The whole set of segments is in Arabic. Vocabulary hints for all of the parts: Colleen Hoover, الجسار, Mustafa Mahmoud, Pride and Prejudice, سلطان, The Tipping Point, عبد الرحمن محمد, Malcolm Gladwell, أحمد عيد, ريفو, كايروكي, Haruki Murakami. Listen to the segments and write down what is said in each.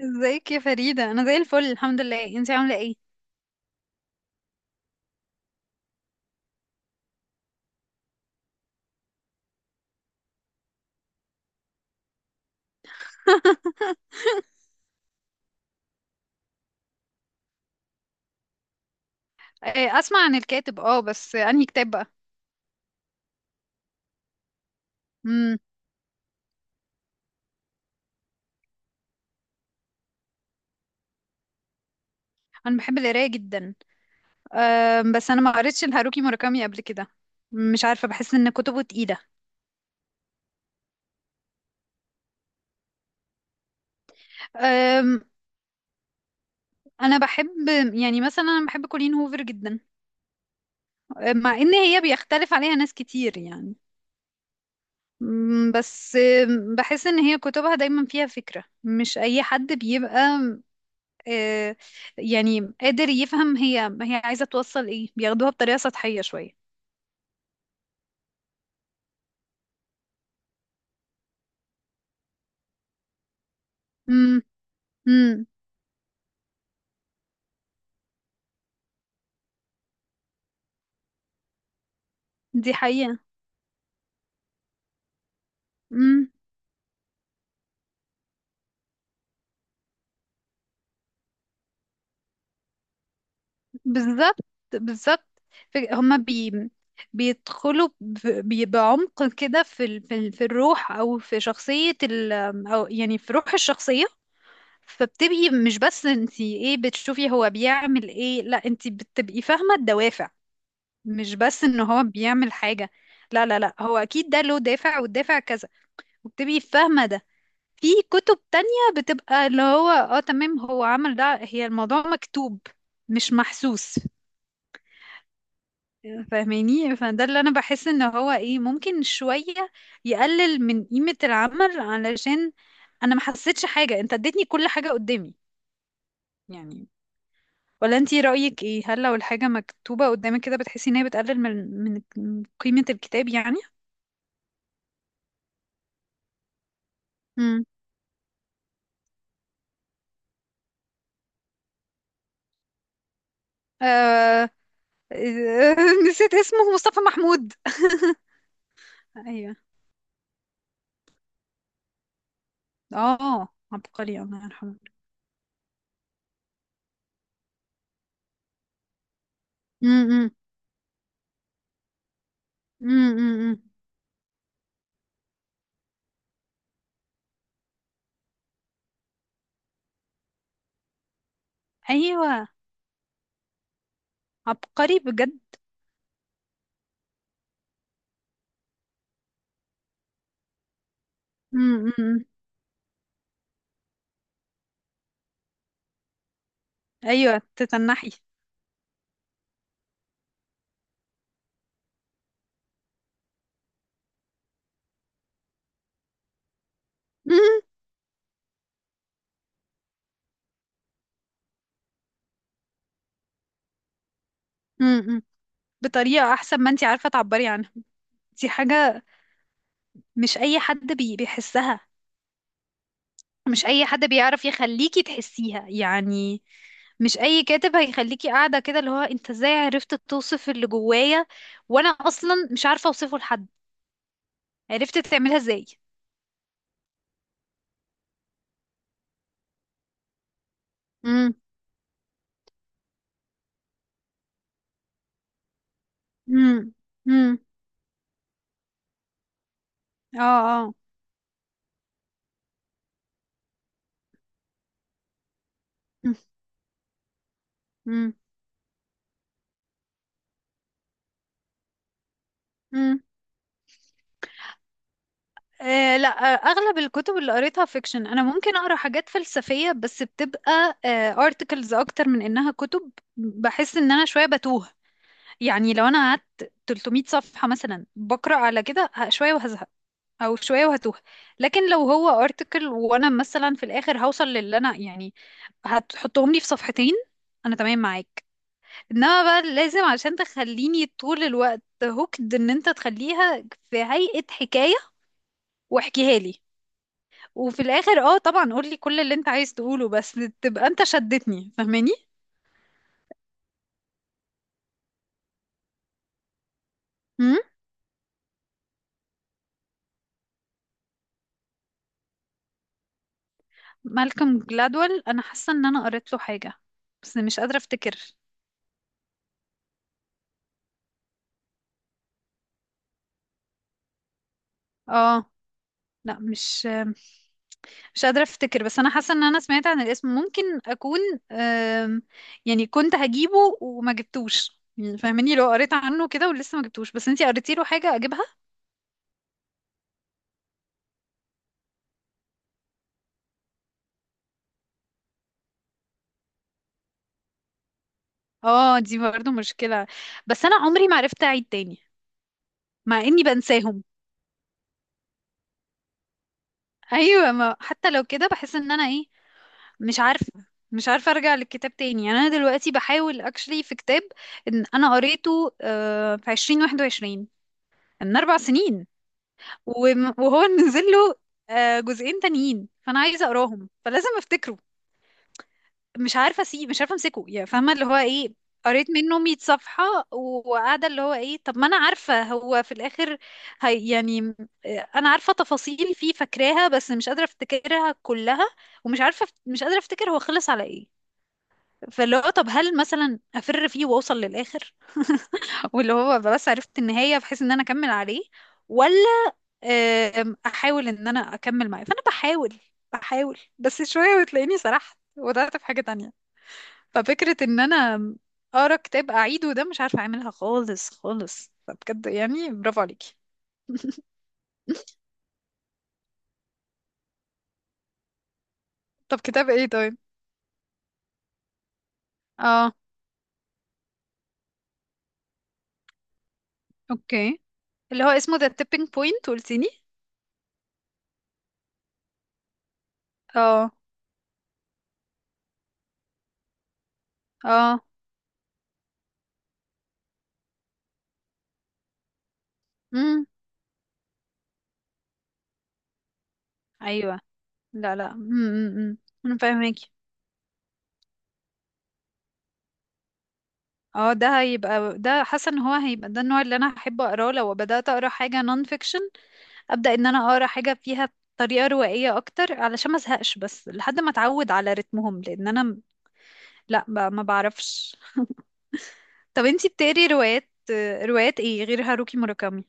ازيك يا فريدة، انا زي الفل، الحمد لله. انتي عاملة ايه؟ آه، اسمع عن الكاتب. اه بس انهي كتاب بقى؟ امم. انا بحب القراية جدا. بس انا ما قريتش الهاروكي موراكامي قبل كده. مش عارفة، بحس ان كتبه تقيلة. أم. انا بحب. يعني مثلا انا بحب كولين هوفر جدا. مع ان هي بيختلف عليها ناس كتير يعني. بس بحس ان هي كتبها دايما فيها فكرة مش اي حد بيبقى. آه، يعني قادر يفهم هي عايزة توصل ايه، بياخدوها بطريقة سطحية شوية. امم. امم. دي حقيقة. امم. بالظبط. بالظبط. ف- هما بي بيدخلوا بعمق كده في الروح، او في شخصية او يعني في روح الشخصية. فبتبقي مش بس انتي ايه بتشوفي هو بيعمل ايه، لا، انتي بتبقي فاهمة الدوافع. مش بس ان هو بيعمل حاجة. لا، لا، لا، هو اكيد ده له دافع والدافع كذا. وبتبقي فاهمة ده. في كتب تانية بتبقى اللي هو تمام، هو عمل ده، هي الموضوع مكتوب، مش محسوس. فاهماني؟ فده اللي انا بحس ان هو ايه، ممكن شوية يقلل من قيمة العمل، علشان انا ما حسيتش حاجة، انت اديتني كل حاجة قدامي، يعني. ولا انتي رأيك ايه؟ هل لو الحاجة مكتوبة قدامك كده بتحسي ان هي بتقلل من قيمة الكتاب يعني؟ امم. آه. نسيت اسمه، مصطفى محمود. ايوه. اه، عبقري الله يرحمه. امم. امم. ايوه. عبقري بجد. امم. ايوه، تتنحي. امم. بطريقه احسن ما انتي عارفه تعبري عنها. دي حاجه. مش اي حد بيحسها. مش اي حد بيعرف يخليكي تحسيها يعني. مش اي كاتب هيخليكي قاعده كده، اللي هو انت ازاي عرفت توصف اللي جوايا وانا اصلا مش عارفه اوصفه لحد؟ عرفت تعملها ازاي؟ امم. امم. امم. اه، اه. مم. مم. آه، لا. اغلب الكتب اللي قريتها فيكشن. انا ممكن اقرا حاجات فلسفيه بس بتبقى ارتكلز اكتر من انها كتب. بحس ان انا شويه بتوه. يعني لو انا قعدت 300 صفحه مثلا بقرا على كده، شويه وهزهق، او شويه وهتوه. لكن لو هو ارتكل، وانا مثلا في الاخر هوصل للي انا يعني هتحطهم لي في صفحتين، انا تمام معاك. انما بقى لازم عشان تخليني طول الوقت هوكد ان انت تخليها في هيئة حكاية، واحكيها لي، وفي الاخر طبعا قول لي كل اللي انت عايز تقوله، بس تبقى انت شدتني، فاهماني؟ امم. مالكم جلادويل، انا حاسه ان انا قريت له حاجه بس مش قادره افتكر. اه، لا، مش قادره افتكر، بس انا حاسه ان انا سمعت عن الاسم، ممكن اكون آم، يعني كنت هجيبه وما جبتوش. يعني فاهماني؟ لو قريت عنه كده ولسه ما جبتوش بس انتي قريتي له حاجه، اجيبها. اه، دي برضه مشكله. بس انا عمري ما عرفت اعيد تاني، مع اني بنساهم. ايوه، ما حتى لو كده بحس ان انا ايه، مش عارفة، مش عارفة أرجع للكتاب تاني يعني. أنا دلوقتي بحاول أكشلي في كتاب إن أنا قريته في 2021، من 4 سنين، وهو نزل له جزئين تانيين، فأنا عايزة أقراهم، فلازم أفتكره. مش عارفة أسيب، مش عارفة أمسكه، يعني فاهمة اللي هو إيه؟ قريت منه 100 صفحة، وقاعدة اللي هو إيه. طب ما أنا عارفة هو في الآخر هي يعني، أنا عارفة تفاصيل فيه فاكراها بس مش قادرة أفتكرها كلها، ومش عارفة، مش قادرة أفتكر هو خلص على إيه. فاللي هو طب هل مثلا أفر فيه وأوصل للآخر واللي هو أبقى بس عرفت النهاية بحيث إن أنا أكمل عليه؟ ولا أحاول إن أنا أكمل معاه؟ فأنا بحاول بس شوية وتلاقيني سرحت وضعت في حاجة تانية. ففكرة إن أنا أقرأ كتاب أعيده، ده مش عارفة أعملها خالص خالص، فبجد يعني برافو عليكي. طب كتاب إيه طيب؟ اه. اوكي. اللي هو اسمه The Tipping Point، قلتيني. اه. اه. امم. ايوه. لا، لا، امم، أمم، أمم. انا فاهمك. اه، ده هيبقى، ده حاسه ان هو هيبقى، ده النوع اللي انا هحب اقراه لو بدات اقرا حاجه نون فيكشن. ابدا ان انا اقرا حاجه فيها طريقه روائيه اكتر علشان ما ازهقش، بس لحد ما اتعود على رتمهم لان انا لا ما بعرفش. طب انتي بتقري روايات؟ روايات ايه غير هاروكي موراكامي؟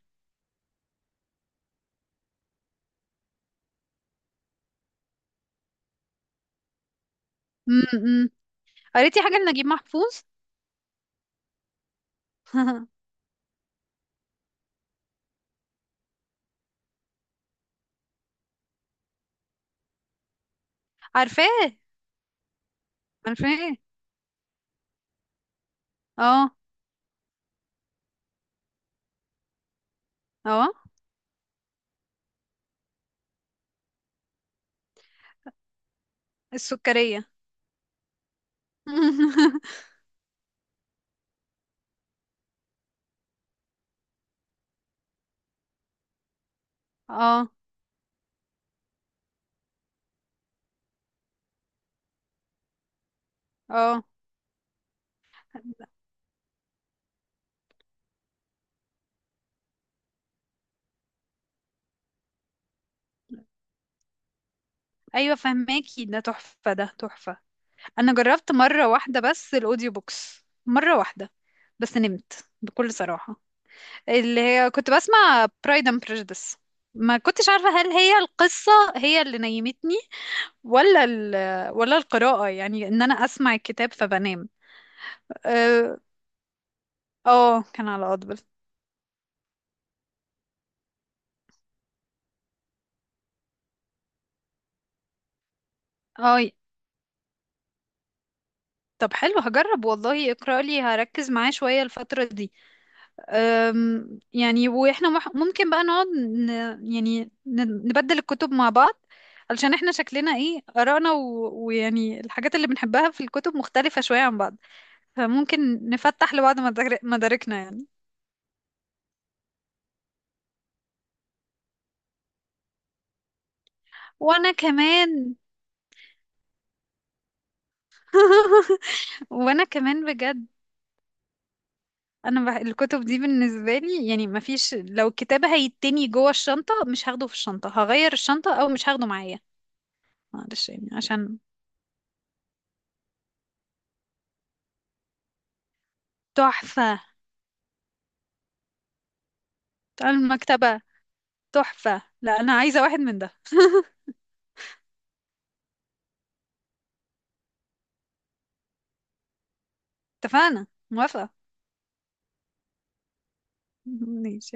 امم. قريتي حاجه لنجيب محفوظ؟ عارفاه. عارفاه. اه. اه. السكريه. اه. اه. ايوه فهماكي، ده تحفه، ده تحفه. انا جربت مره واحده بس الاوديو بوكس، مره واحده بس نمت بكل صراحه. اللي هي كنت بسمع برايد اند بريجديس. ما كنتش عارفه هل هي القصه هي اللي نيمتني ولا ال ولا القراءه، يعني ان انا اسمع الكتاب فبنام. اه. كان على اودبل. اه. طب حلو، هجرب والله اقرا لي، هركز معاه شويه الفتره دي. يعني واحنا ممكن بقى نقعد يعني نبدل الكتب مع بعض، علشان احنا شكلنا ايه آرائنا ويعني الحاجات اللي بنحبها في الكتب مختلفة شوية عن بعض. فممكن نفتح لبعض مداركنا يعني. وانا كمان. وانا كمان بجد. انا الكتب دي بالنسبه لي يعني ما فيش، لو الكتاب هيتني جوه الشنطه، مش هاخده في الشنطه، هغير الشنطه او مش هاخده معايا. معلش يعني عشان. تحفه. تعال المكتبه. تحفة. لا، أنا عايزة واحد من ده. اتفقنا، موافقة. ماشي